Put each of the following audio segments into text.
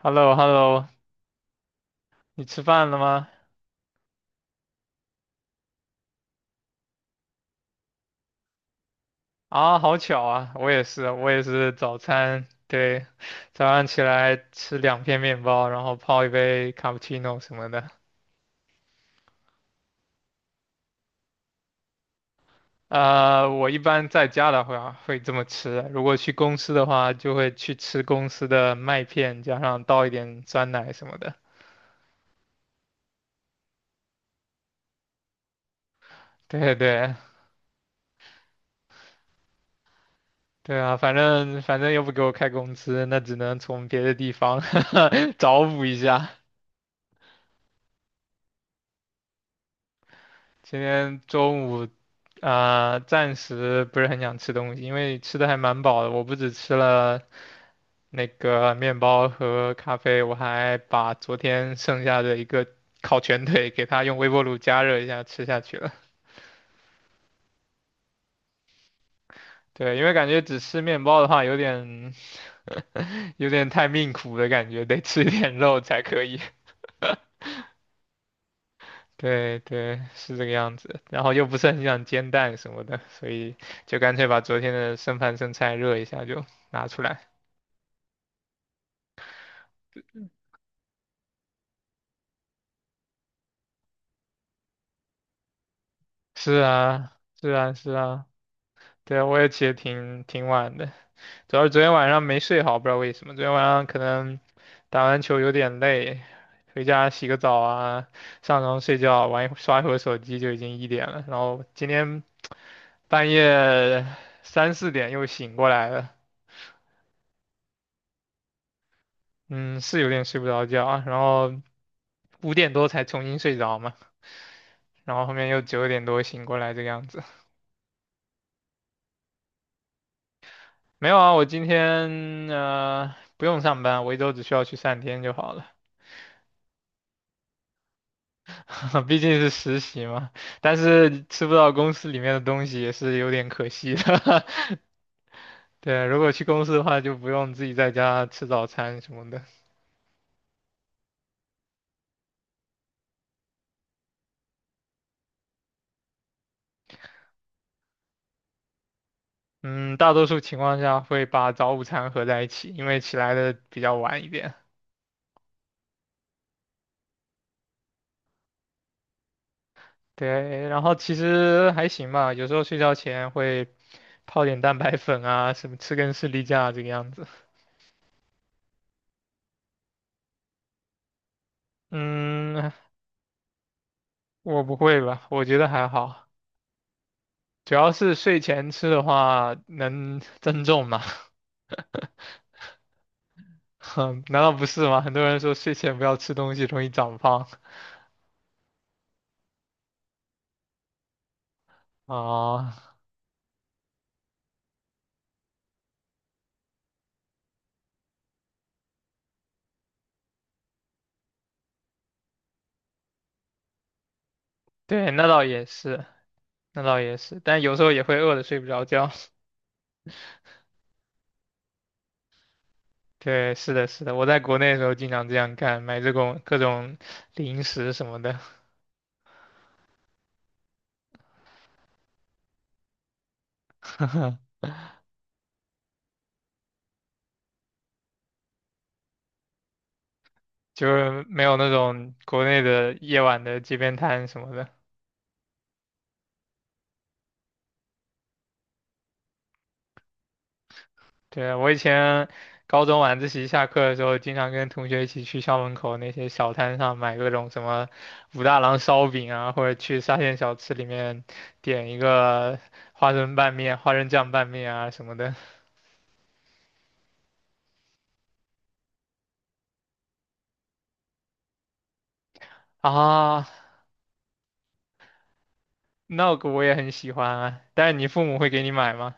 h e l l o h e l l o 你吃饭了吗？啊，好巧啊，我也是早餐，对，早上起来吃2片面包，然后泡一杯卡布奇诺什么的。我一般在家的话会这么吃，如果去公司的话，就会去吃公司的麦片，加上倒一点酸奶什么的。对对对啊，反正又不给我开工资，那只能从别的地方 找补一下。今天中午，暂时不是很想吃东西，因为吃的还蛮饱的。我不只吃了那个面包和咖啡，我还把昨天剩下的一个烤全腿给它用微波炉加热一下吃下去了。对，因为感觉只吃面包的话，有点太命苦的感觉，得吃一点肉才可以。对对，是这个样子。然后又不是很想煎蛋什么的，所以就干脆把昨天的剩饭剩菜热一下就拿出来。是啊，是啊，是啊，对，啊，我也起得挺晚的，主要是昨天晚上没睡好，不知道为什么，昨天晚上可能打完球有点累，回家洗个澡啊，上床睡觉，玩一会刷一会儿手机就已经一点了，然后今天半夜3、4点又醒过来了，嗯，是有点睡不着觉啊，然后5点多才重新睡着嘛，然后后面又9点多醒过来这个样子，没有啊，我今天不用上班，我1周只需要去3天就好了。毕竟是实习嘛，但是吃不到公司里面的东西也是有点可惜的。对，如果去公司的话，就不用自己在家吃早餐什么的。嗯，大多数情况下会把早午餐合在一起，因为起来的比较晚一点。对，然后其实还行吧，有时候睡觉前会泡点蛋白粉啊，什么吃根士力架这个样子。嗯，我不会吧，我觉得还好，主要是睡前吃的话能增重嘛。哼，难道不是吗？很多人说睡前不要吃东西，容易长胖。啊、对，那倒也是，那倒也是，但有时候也会饿得睡不着觉。对，是的，是的，我在国内的时候经常这样干，买这种各种零食什么的，就是没有那种国内的夜晚的街边摊什么的。对，我以前高中晚自习下课的时候，经常跟同学一起去校门口那些小摊上买各种什么武大郎烧饼啊，或者去沙县小吃里面点一个花生拌面、花生酱拌面啊什么的。啊，那个我也很喜欢啊。但是你父母会给你买吗？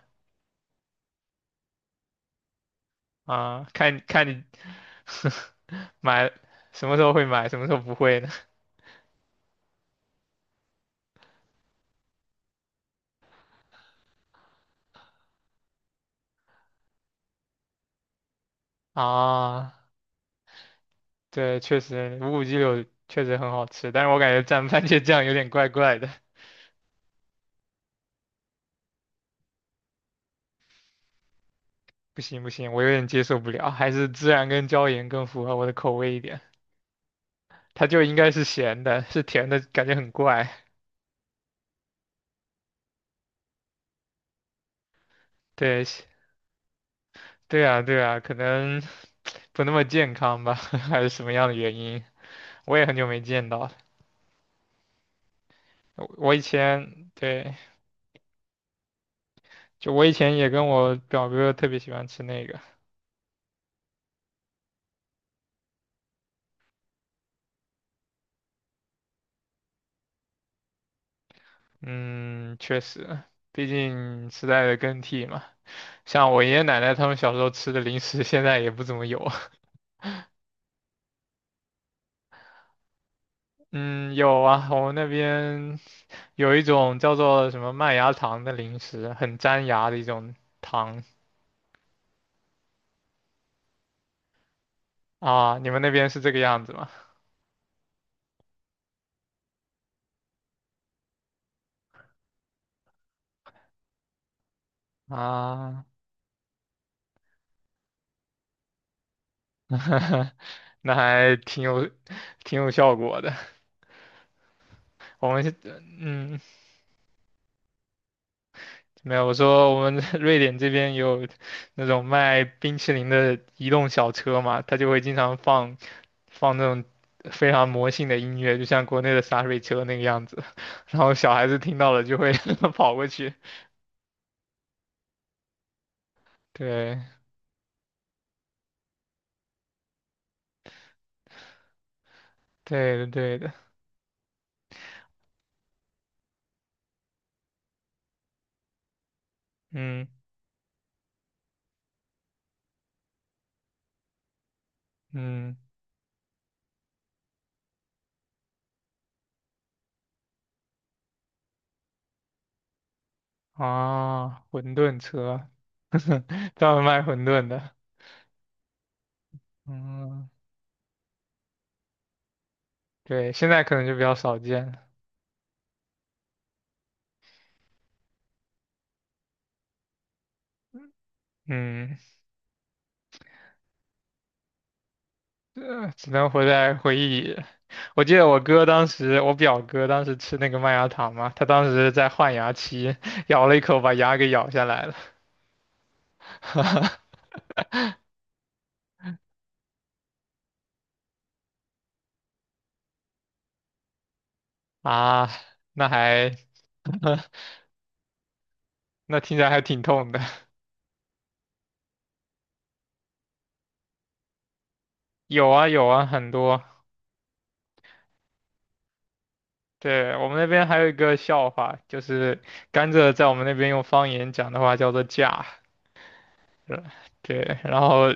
啊，看看你 买什么时候会买，什么时候不会呢？啊，对，确实无骨鸡柳确实很好吃，但是我感觉蘸番茄酱有点怪怪的。不行不行，我有点接受不了，还是孜然跟椒盐更符合我的口味一点。它就应该是咸的，是甜的感觉很怪。对，对啊对啊，可能不那么健康吧，还是什么样的原因？我也很久没见到了。我以前对，就我以前也跟我表哥特别喜欢吃那个。嗯，确实，毕竟时代的更替嘛，像我爷爷奶奶他们小时候吃的零食，现在也不怎么有。嗯，有啊，我们那边有一种叫做什么麦芽糖的零食，很粘牙的一种糖啊。你们那边是这个样子吗？啊，那还挺有效果的。我们是，嗯，没有，我说我们 瑞典这边有那种卖冰淇淋的移动小车嘛，他就会经常放那种非常魔性的音乐，就像国内的洒水车那个样子，然后小孩子听到了就会 跑过去。对，对的，对的，嗯嗯，啊，馄饨车，专门卖馄饨的，嗯，对，现在可能就比较少见嗯。只能活在回忆里。我表哥当时吃那个麦芽糖嘛，他当时在换牙期，咬了一口把牙给咬下来了。啊，那还那听起来还挺痛的。有啊有啊，很多。对，我们那边还有一个笑话，就是甘蔗在我们那边用方言讲的话叫做"架"，是吧对，然后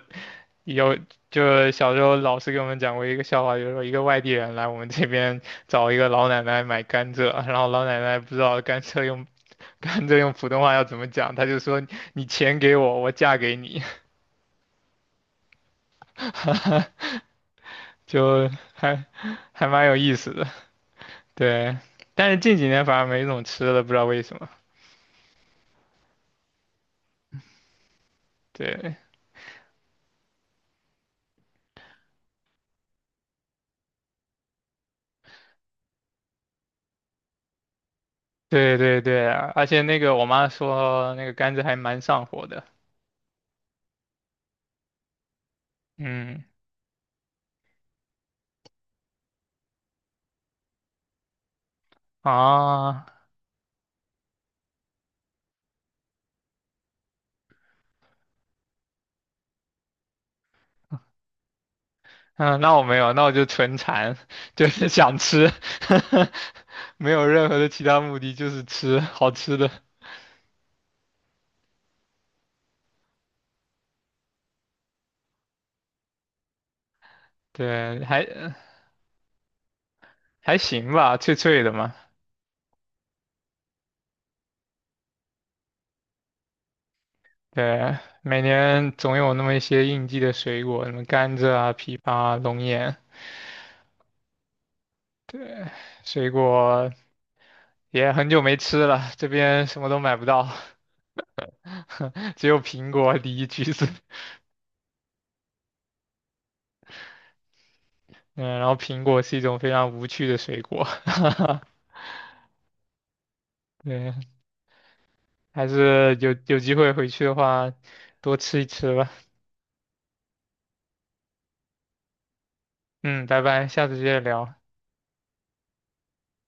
有，就小时候老师给我们讲过一个笑话，就是说一个外地人来我们这边找一个老奶奶买甘蔗，然后老奶奶不知道甘蔗用 甘蔗用普通话要怎么讲，她就说你钱给我，我嫁给你，就还还蛮有意思的。对，但是近几年反而没怎么吃了，不知道为什么。对，对对对啊，而且那个我妈说那个甘蔗还蛮上火的。嗯啊。嗯，那我没有，那我就纯馋，就是想吃，没有任何的其他目的，就是吃好吃的。对，还行吧，脆脆的嘛。对，每年总有那么一些应季的水果，什么甘蔗啊、枇杷啊、龙眼，水果也很久没吃了，这边什么都买不到，只有苹果、梨、橘子。嗯，然后苹果是一种非常无趣的水果。对，还是有机会回去的话，多吃一吃吧。嗯，拜拜，下次接着聊。